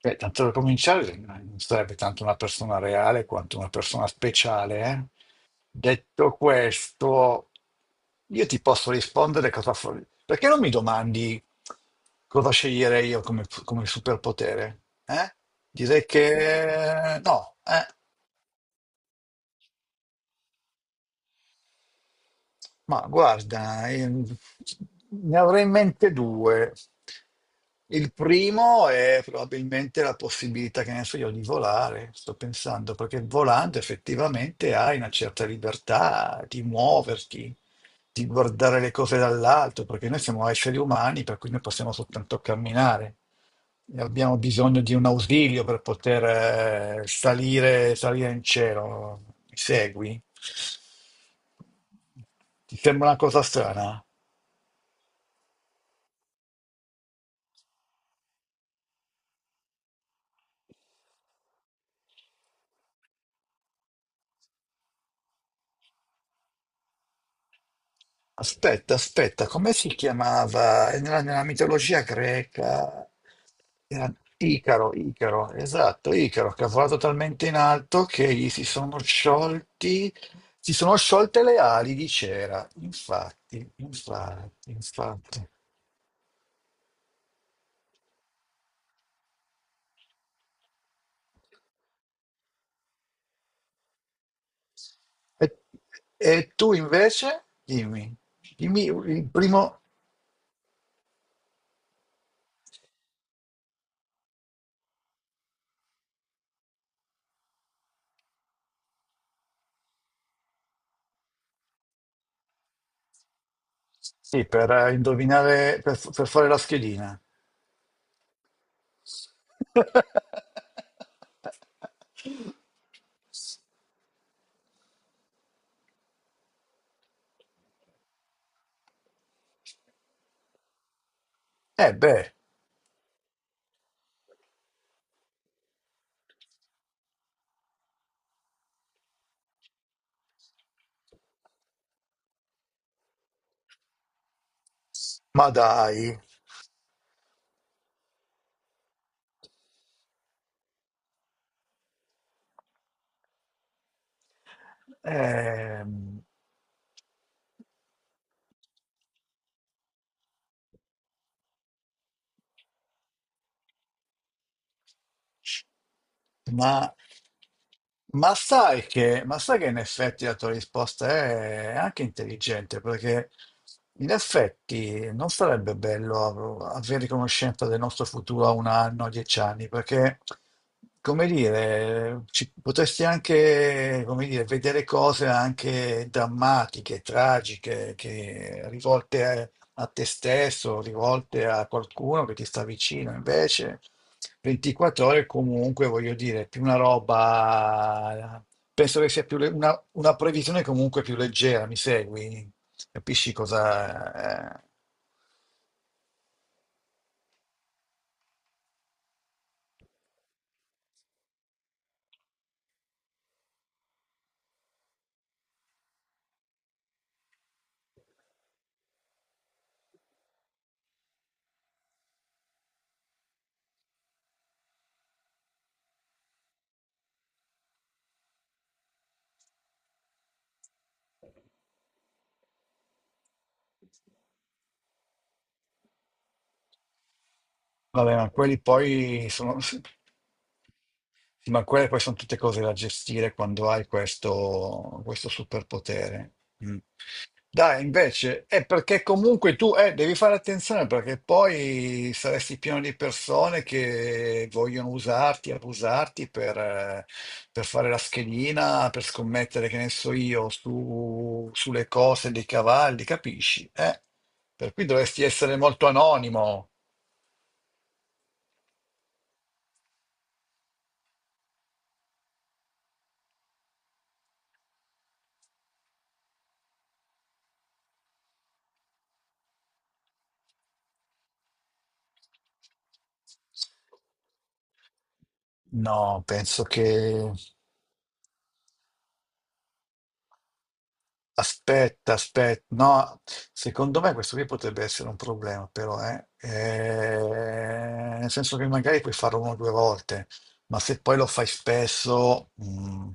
Beh, tanto per cominciare, non sarebbe tanto una persona reale quanto una persona speciale. Detto questo, io ti posso rispondere cosa fare. Perché non mi domandi cosa sceglierei io come superpotere? Eh? Direi che no, eh. Ma guarda, ne avrei in mente due. Il primo è probabilmente la possibilità, che ne so io, di volare, sto pensando, perché volando effettivamente hai una certa libertà di muoverti, di guardare le cose dall'alto, perché noi siamo esseri umani, per cui noi possiamo soltanto camminare. Abbiamo bisogno di un ausilio per poter salire, salire in cielo. Mi segui? Ti sembra una cosa strana? Aspetta, aspetta, come si chiamava? Nella mitologia greca era Icaro, Icaro, esatto, Icaro, che ha volato talmente in alto che gli si sono sciolti, si sono sciolte le ali di cera. Infatti, infatti, infatti. E, e tu invece, dimmi, dimmi il primo, sì, per indovinare, per fare la schedina. Eh beh, ma dai, ehm, Ma, ma sai che in effetti la tua risposta è anche intelligente, perché in effetti non sarebbe bello avere conoscenza del nostro futuro a un anno, a 10 anni, perché, come dire, potresti anche, come dire, vedere cose anche drammatiche, tragiche, che, rivolte a, te stesso, rivolte a qualcuno che ti sta vicino, invece. 24 ore comunque, voglio dire, più una roba, penso che sia più una previsione comunque più leggera, mi segui? Capisci cosa? Vabbè, ma quelli poi sono. Sì. Ma quelle poi sono tutte cose da gestire quando hai questo superpotere. Mm. Dai, invece, è perché comunque tu devi fare attenzione perché poi saresti pieno di persone che vogliono usarti, abusarti per fare la schedina, per scommettere, che ne so io, sulle cose dei cavalli, capisci? Eh? Per cui dovresti essere molto anonimo. No, penso che. Aspetta, aspetta, no, secondo me questo qui potrebbe essere un problema, però, eh. Nel senso che magari puoi farlo una o due volte, ma se poi lo fai spesso,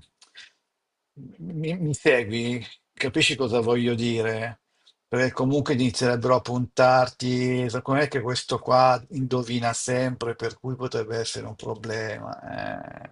mi segui? Capisci cosa voglio dire? Perché comunque inizierebbero a puntarti, secondo me che questo qua indovina sempre, per cui potrebbe essere un problema. eh.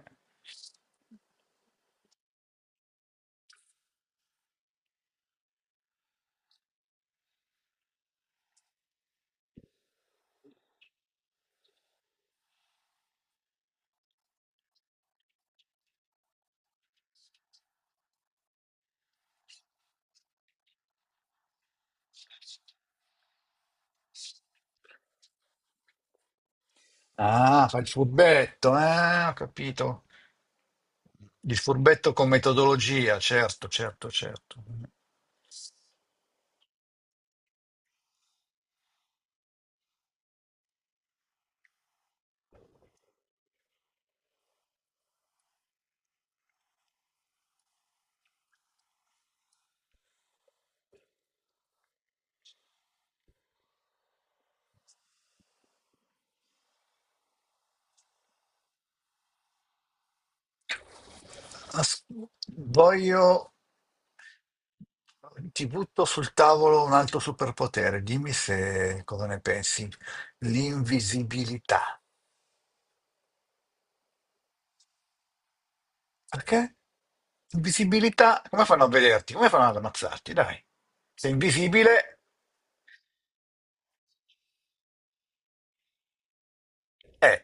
Ah, fa il furbetto, eh? Ho capito. Il furbetto con metodologia, certo, certo, certo. As- voglio... Ti butto sul tavolo un altro superpotere. Dimmi se cosa ne pensi. L'invisibilità. Perché? Invisibilità, come fanno a vederti? Come fanno ad ammazzarti? Dai. Sei invisibile? Eh.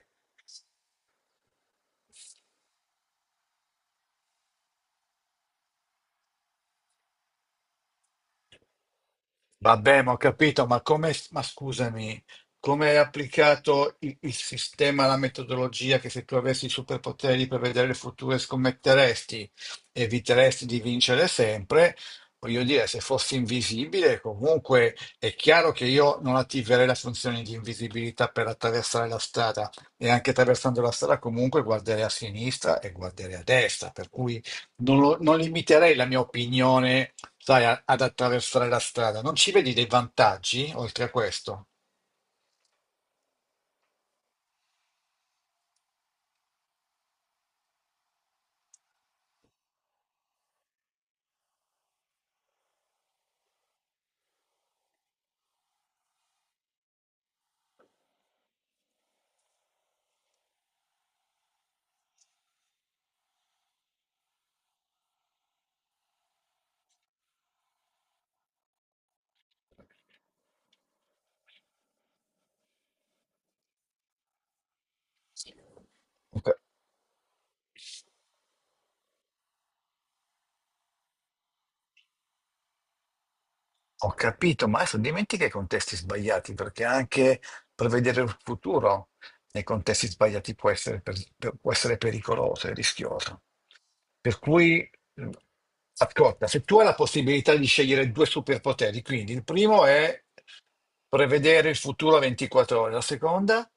Vabbè, ma ho capito, ma come, ma scusami, come è applicato il sistema, la metodologia che se tu avessi i superpoteri per vedere il futuro scommetteresti, eviteresti di vincere sempre? Voglio dire, se fossi invisibile, comunque è chiaro che io non attiverei la funzione di invisibilità per attraversare la strada e anche attraversando la strada comunque guarderei a sinistra e guarderei a destra, per cui non limiterei la mia opinione, sai, ad attraversare la strada. Non ci vedi dei vantaggi oltre a questo? Ho ca- ho capito, ma adesso dimentica i contesti sbagliati, perché anche prevedere il futuro nei contesti sbagliati può essere pericoloso e rischioso. Per cui, ascolta, se tu hai la possibilità di scegliere due superpoteri, quindi il primo è prevedere il futuro a 24 ore, la seconda?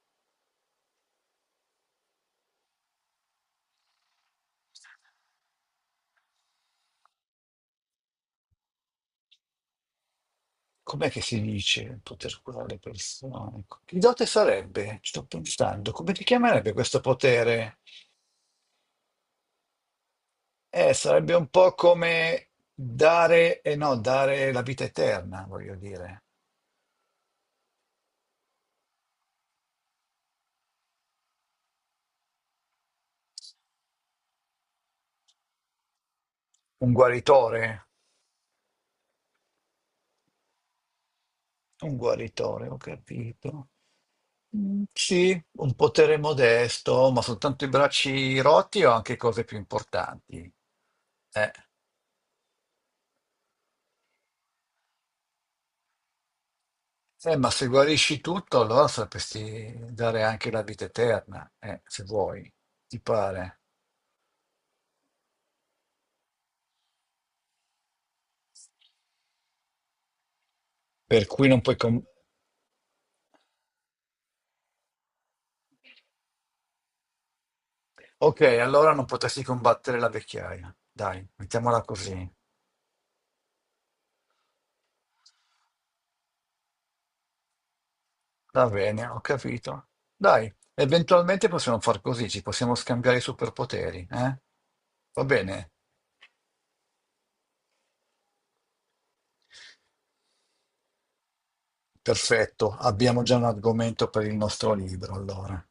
Com'è che si dice poter curare le persone? Ecco, che dote sarebbe? Ci sto pensando. Come ti chiamerebbe questo potere? Sarebbe un po' come dare, e no, dare la vita eterna, voglio dire. Un guaritore? Un guaritore, ho capito. Mm, sì, un potere modesto, ma soltanto i bracci rotti o anche cose più importanti? Eh. Ma se guarisci tutto, allora sapresti dare anche la vita eterna, se vuoi, ti pare. Per cui non puoi, ok, allora non potresti combattere la vecchiaia. Dai, mettiamola così. Va bene, ho capito. Dai, eventualmente possiamo far così, ci possiamo scambiare i superpoteri, eh? Va bene? Perfetto, abbiamo già un argomento per il nostro libro, allora.